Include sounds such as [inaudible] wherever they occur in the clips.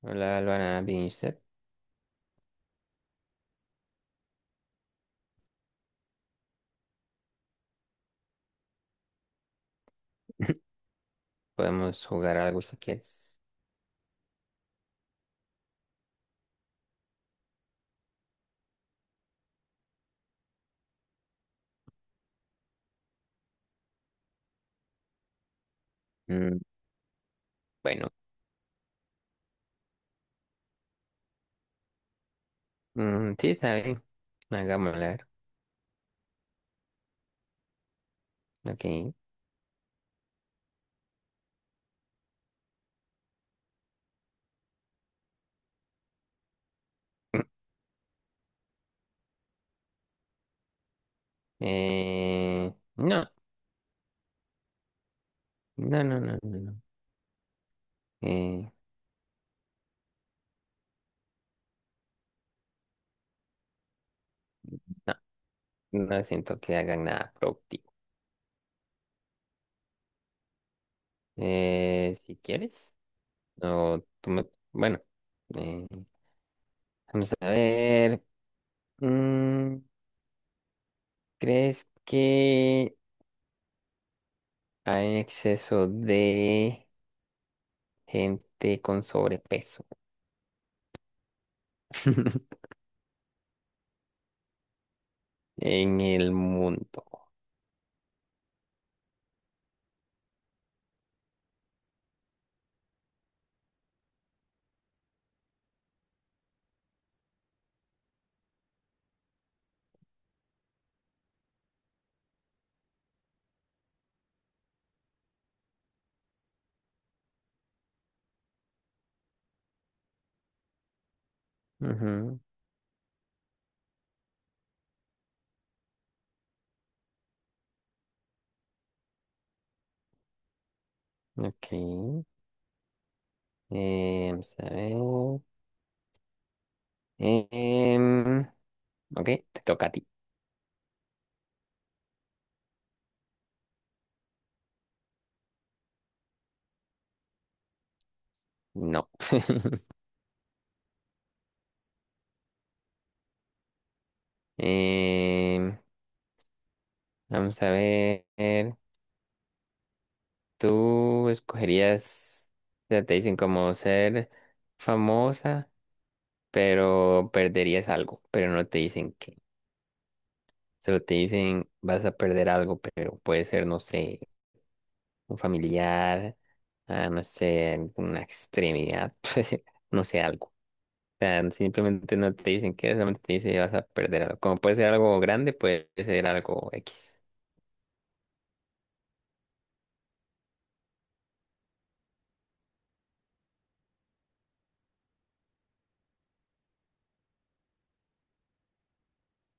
Hola, Alvana, bien, ¿y usted? [laughs] Podemos jugar algo si quieres. Mm, bueno, sí, está bien. Hagámoslo, a ver. Ok. [clears throat] [laughs] No, no, no, no, no, no. Eh, no, no siento que hagan nada productivo. Si quieres, no, bueno, eh, vamos a ver. Mm, ¿Crees que hay exceso de gente con sobrepeso? [laughs] En el mundo. Ujú. Ok. Vamos a ver. Em, ok, te toca a ti. No. [laughs] Em, vamos a ver. ¿Tú escogerías, ya te dicen como ser famosa, pero perderías algo, pero no te dicen qué? Solo te dicen vas a perder algo, pero puede ser, no sé, un familiar, a, no sé, una extremidad, [laughs] pues, no sé, algo. O sea, simplemente no te dicen qué, solamente te dicen que vas a perder algo. Como puede ser algo grande, puede ser algo X.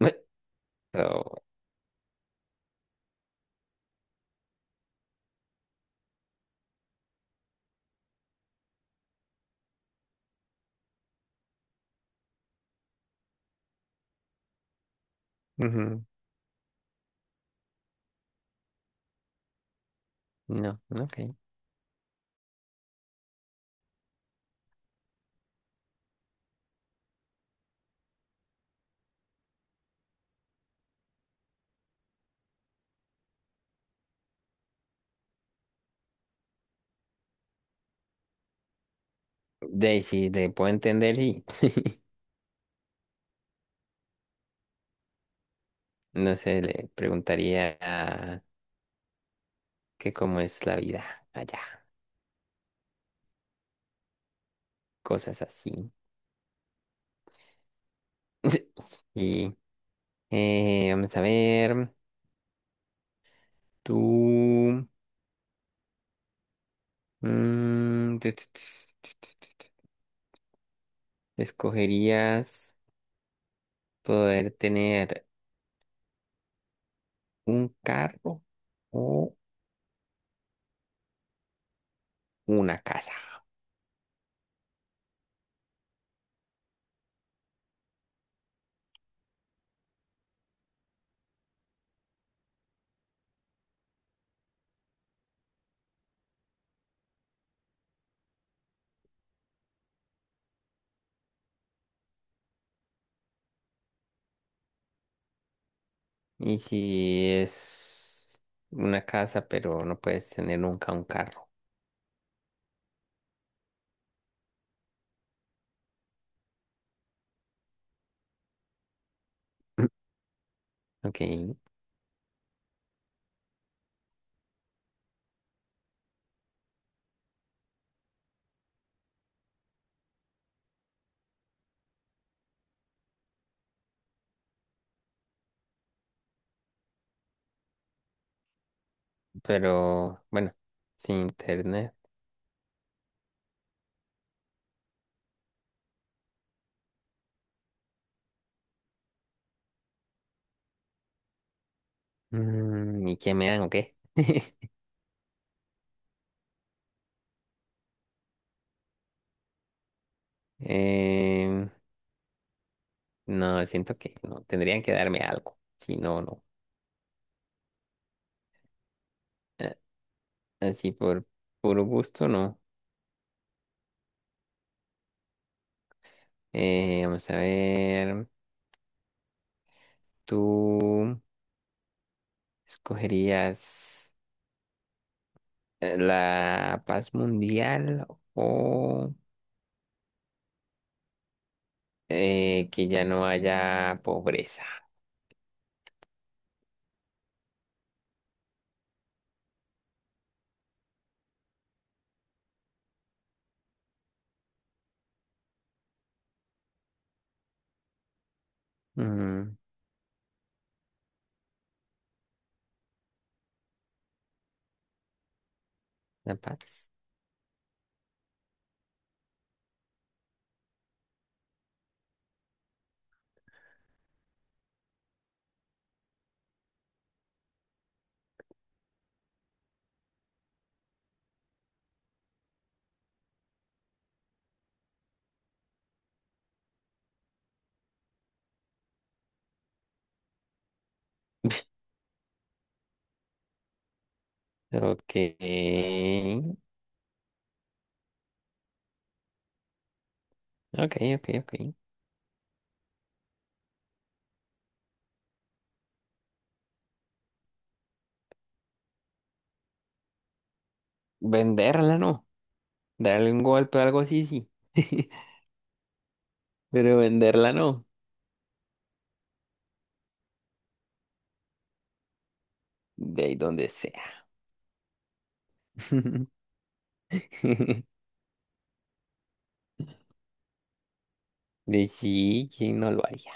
[laughs] So, ujú, no, no, ok. De ahí sí, te puedo entender, sí. [laughs] No sé, le preguntaría que cómo es la vida allá, cosas así. [laughs] Y vamos a ver, tú... mm, [tsk] ¿Escogerías poder tener un carro o una casa? Y si es una casa, pero no puedes tener nunca un carro. [clears throat] Ok, pero bueno, sin internet. ¿Y qué me dan o qué? [laughs] Em, no, siento que no. Tendrían que darme algo. Si no, no. Eh, así por puro gusto, no. Vamos a ver. ¿Tú escogerías la paz mundial o que ya no haya pobreza? Mm, la paz. [laughs] Ok. Ok, ok, ok. Venderla no. Darle un golpe o algo así, sí. [laughs] Pero venderla no. De ahí donde sea. [laughs] De sí, ¿quién no lo haría?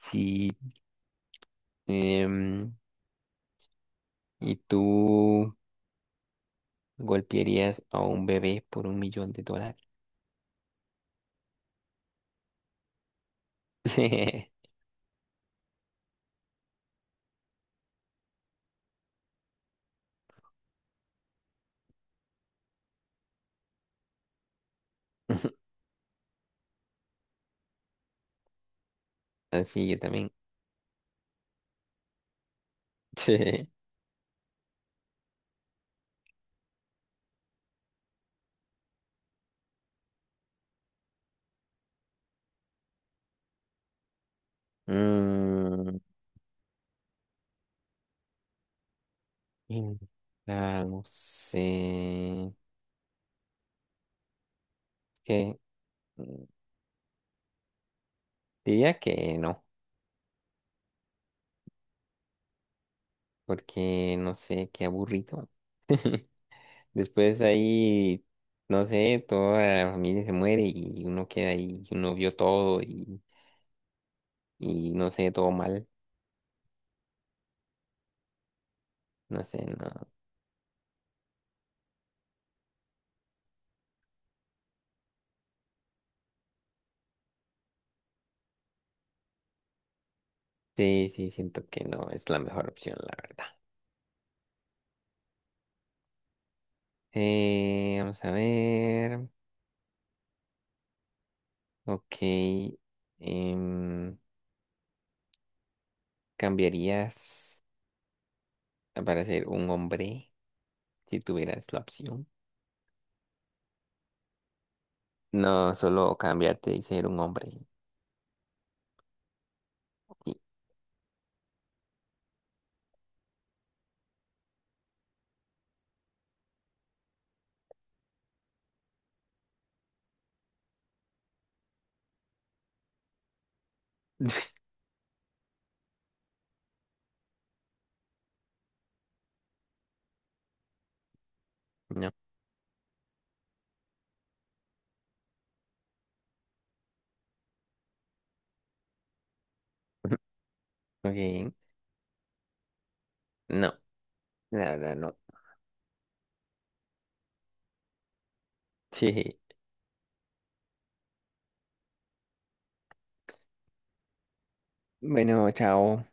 Sí. em, ¿y tú golpearías a un bebé por $1.000.000? [laughs] Ah, sí, yo también. [laughs] Mm, y no sé. Es Que, mm, diría que no, porque no sé, qué aburrido. [laughs] Después ahí, no sé, toda la familia se muere y uno queda ahí, y uno vio todo y no sé, todo mal. No sé, no. Sí, sí, siento que no es la mejor opción, la verdad. Vamos a ver. Ok. em, ¿Cambiarías para ser un hombre si tuvieras la opción? No, solo cambiarte y ser un hombre. Sí. [laughs] No. [laughs] Ok. No. Nada, no. Sí. Bueno, chao.